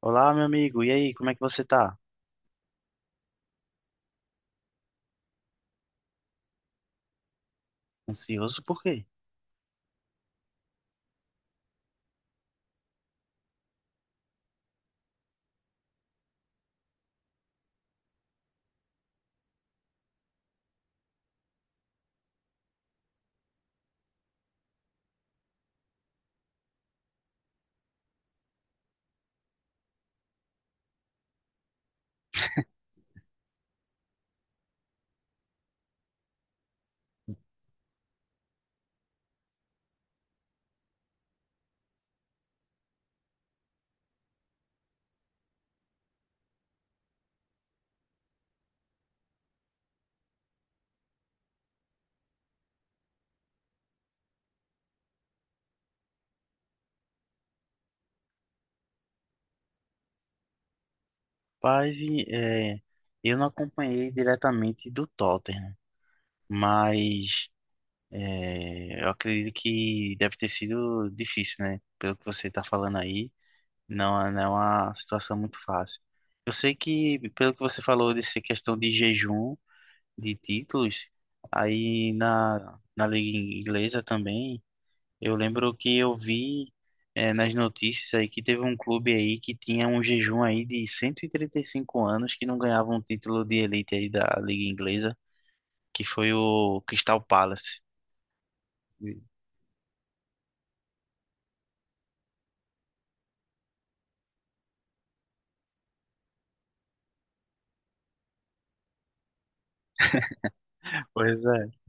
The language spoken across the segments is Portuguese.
Olá, meu amigo. E aí, como é que você tá? Ansioso por quê? Paz, eu não acompanhei diretamente do Tottenham, mas eu acredito que deve ter sido difícil, né? Pelo que você tá falando aí, não, não é uma situação muito fácil. Eu sei que, pelo que você falou dessa questão de jejum de títulos, aí na, na Liga Inglesa também. Eu lembro que eu vi nas notícias aí que teve um clube aí que tinha um jejum aí de cento e trinta e cinco anos que não ganhava um título de elite aí da Liga Inglesa, que foi o Crystal Palace. Pois é.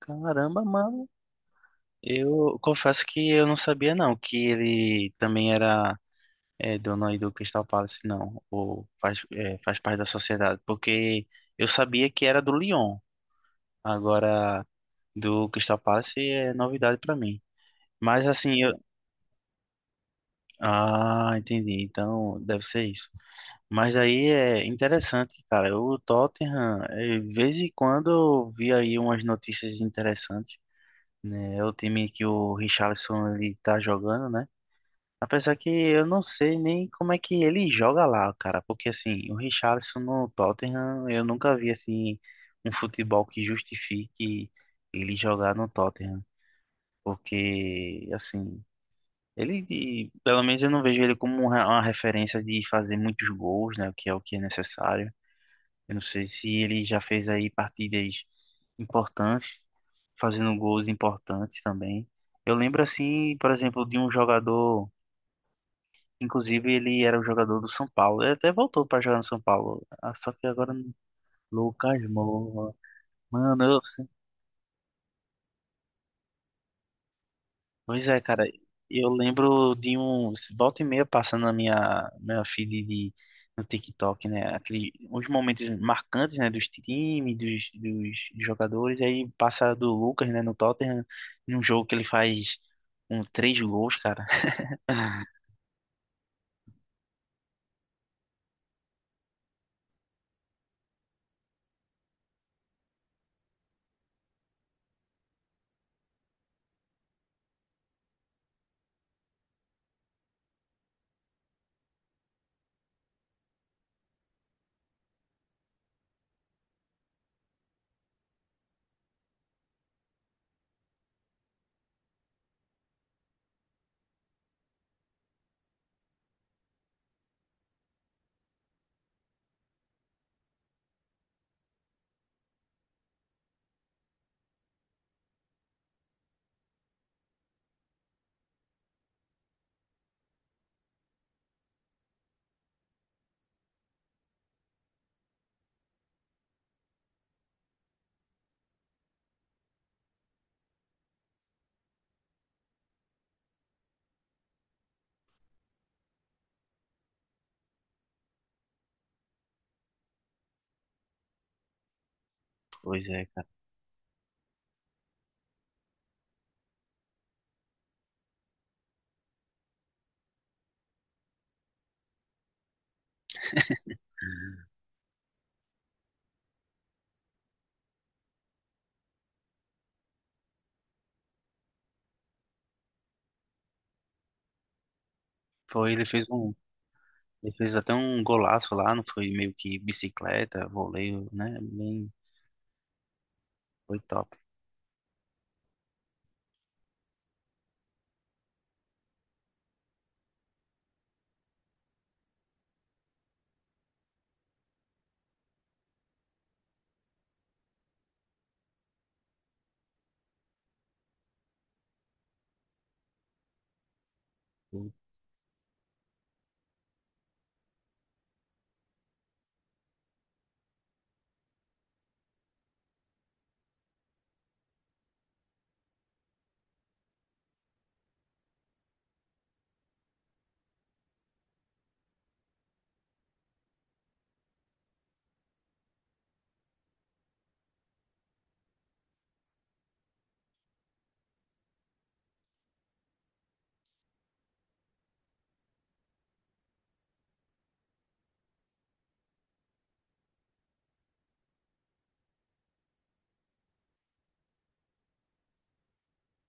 Caramba, mano. Eu confesso que eu não sabia não que ele também era dono aí do Crystal Palace, não. Ou faz parte da sociedade. Porque eu sabia que era do Lyon. Agora, do Crystal Palace é novidade pra mim. Mas assim, ah, entendi. Então, deve ser isso. Mas aí é interessante, cara. O Tottenham, de vez em quando eu vi aí umas notícias interessantes, né? É o time que o Richarlison ele tá jogando, né? Apesar que eu não sei nem como é que ele joga lá, cara, porque assim, o Richarlison no Tottenham, eu nunca vi assim um futebol que justifique ele jogar no Tottenham, porque assim, pelo menos eu não vejo ele como uma referência de fazer muitos gols, né? O que é necessário. Eu não sei se ele já fez aí partidas importantes, fazendo gols importantes também. Eu lembro assim, por exemplo, de um jogador, inclusive ele era o jogador do São Paulo. Ele até voltou para jogar no São Paulo. Ah, só que agora não- Lucas Moura. Mano, eu pois é, cara, eu lembro de um volta e meia passando na minha feed de, no TikTok, né? Aquele, uns momentos marcantes, né? Dos times, dos jogadores. Aí passa do Lucas, né? No Tottenham, num jogo que ele faz três gols, cara. Ah, pois é, cara. Foi, ele fez até um golaço lá, não foi meio que bicicleta, voleio, né? Bem, foi top.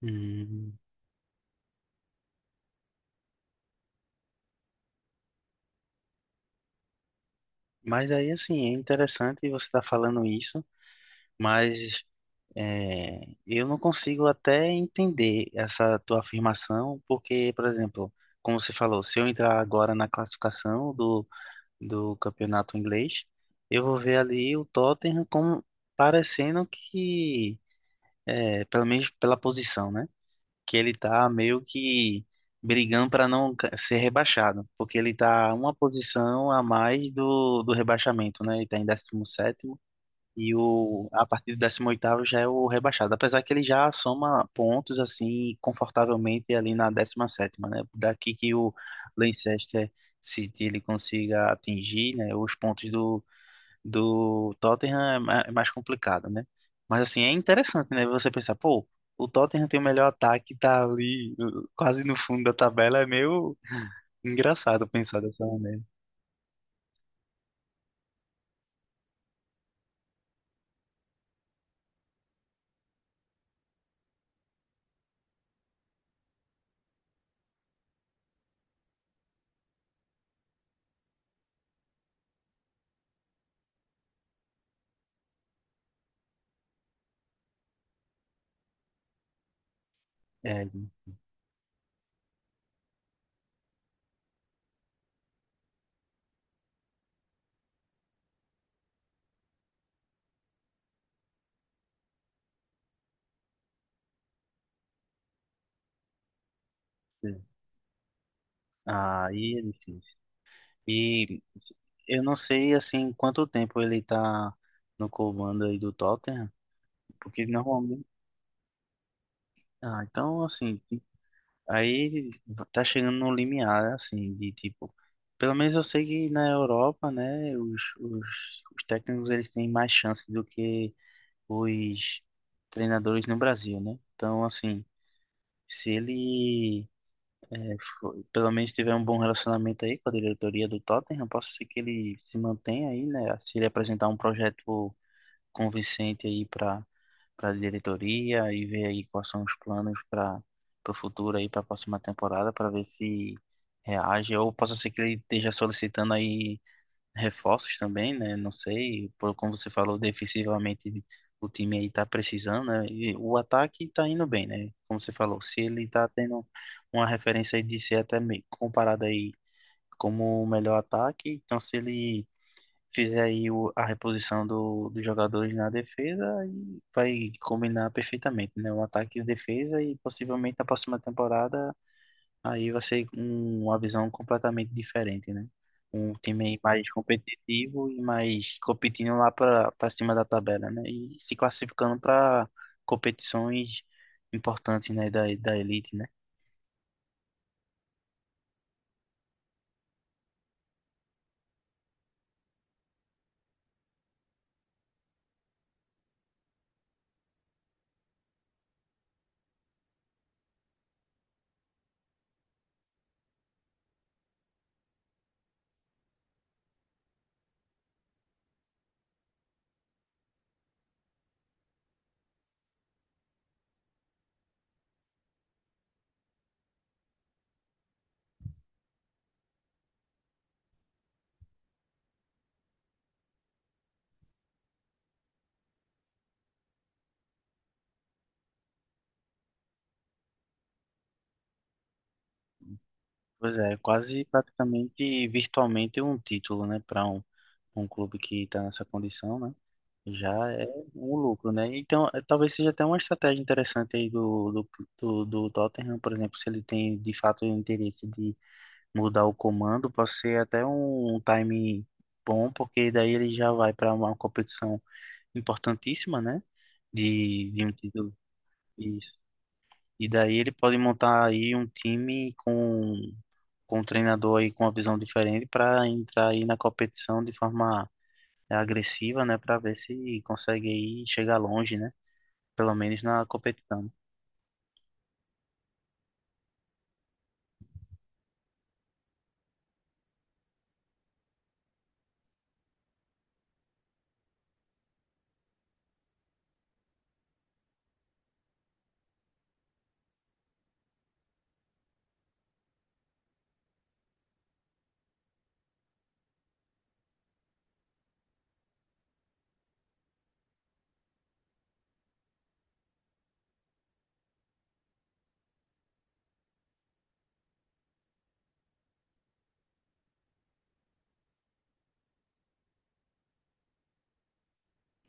Hum. Mas aí, assim, é interessante você estar falando isso, mas É, eu não consigo até entender essa tua afirmação, porque, por exemplo, como você falou, se eu entrar agora na classificação do, do campeonato inglês, eu vou ver ali o Tottenham como parecendo que, pelo menos pela posição, né? Que ele tá meio que brigando para não ser rebaixado, porque ele tá uma posição a mais do, do rebaixamento, né? Ele tá em 17º. A partir do 18º já é o rebaixado, apesar que ele já soma pontos assim confortavelmente ali na 17ª, né? Daqui que o Leicester City ele consiga atingir, né, os pontos do, do Tottenham é mais complicado, né? Mas assim, é interessante, né, você pensar, pô, o Tottenham tem o melhor ataque, tá ali quase no fundo da tabela, é meio engraçado pensar dessa maneira. É, é. Aí é difícil. E eu não sei assim quanto tempo ele tá no comando aí do Tottenham, porque normalmente, ah, então assim, aí tá chegando no limiar assim de tipo, pelo menos eu sei que na Europa, né, os técnicos eles têm mais chance do que os treinadores no Brasil, né? Então assim, se ele pelo menos tiver um bom relacionamento aí com a diretoria do Tottenham, posso ser que ele se mantenha aí, né? Se ele apresentar um projeto convincente aí para a diretoria e ver aí quais são os planos para o futuro aí para a próxima temporada para ver se reage ou possa ser que ele esteja solicitando aí reforços também, né? Não sei, por como você falou, defensivamente o time aí tá precisando, né? E o ataque tá indo bem, né? Como você falou, se ele tá tendo uma referência aí de ser até meio comparado aí como o melhor ataque, então se ele fizer aí o- a reposição dos jogadores na defesa e vai combinar perfeitamente, né? O ataque e a defesa e possivelmente na próxima temporada aí vai ser um- uma visão completamente diferente, né? Um time aí mais competitivo e mais competindo lá para cima da tabela, né? E se classificando para competições importantes, né? Da elite, né? Pois é, quase praticamente virtualmente um título, né? Para um clube que está nessa condição, né? Já é um lucro, né? Então, eh, talvez seja até uma estratégia interessante aí do Tottenham, por exemplo, se ele tem de fato o interesse de mudar o comando, pode ser até um time bom, porque daí ele já vai para uma competição importantíssima, né? De um título. Isso. E daí ele pode montar aí um time com um treinador aí com uma visão diferente para entrar aí na competição de forma agressiva, né? Para ver se consegue aí chegar longe, né? Pelo menos na competição.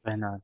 Bernardo,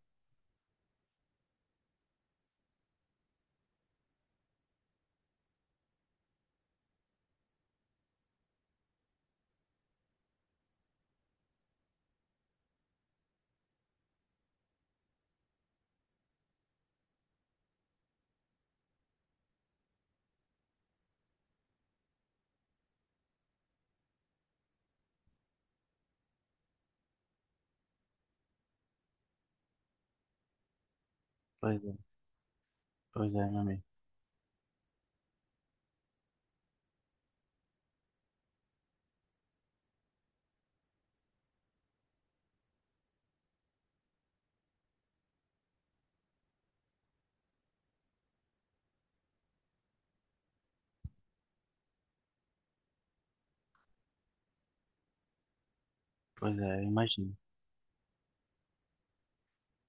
pois é, pois é, meu amigo. Pois é, eu imagino.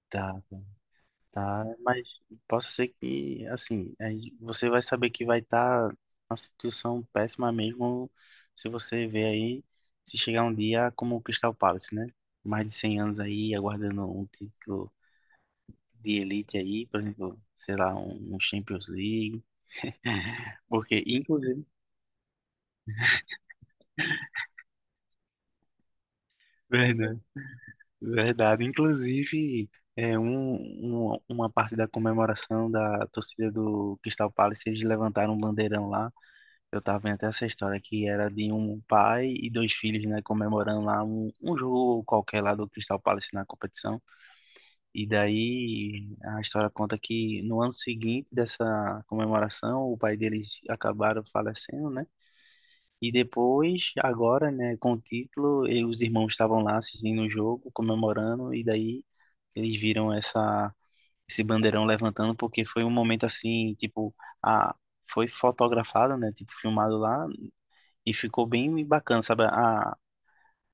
Tá, tá, mas posso ser que, assim, aí você vai saber que vai estar tá uma situação péssima mesmo se você ver aí, se chegar um dia como o Crystal Palace, né? Mais de 100 anos aí, aguardando um título de elite aí, por exemplo, sei lá, um Champions League. Porque, inclusive, verdade. Inclusive, é, um, uma parte da comemoração da torcida do Crystal Palace, eles levantaram um bandeirão lá. Eu tava vendo até essa história que era de um pai e dois filhos, né, comemorando lá um jogo qualquer lá do Crystal Palace na competição. E daí a história conta que no ano seguinte dessa comemoração, o pai deles acabaram falecendo, né? E depois, agora, né, com o título, e os irmãos estavam lá assistindo o jogo, comemorando, e daí eles viram esse bandeirão levantando, porque foi um momento assim, tipo, a, foi fotografado, né, tipo, filmado lá, e ficou bem bacana, sabe? A,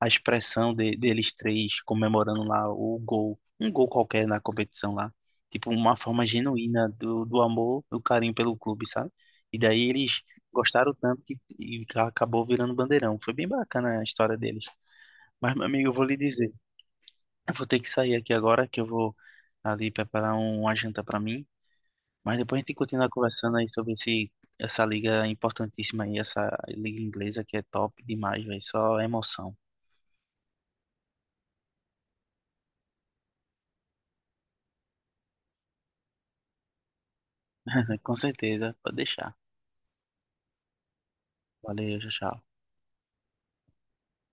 a expressão deles três comemorando lá o gol, um gol qualquer na competição lá. Tipo, uma forma genuína do amor, do carinho pelo clube, sabe? E daí eles gostaram tanto que e acabou virando bandeirão. Foi bem bacana a história deles. Mas, meu amigo, eu vou lhe dizer, eu vou ter que sair aqui agora, que eu vou ali preparar uma janta para mim. Mas depois a gente continua conversando aí sobre essa liga importantíssima aí, essa liga inglesa que é top demais, velho. Só emoção. Com certeza, pode deixar. Valeu, tchau, tchau.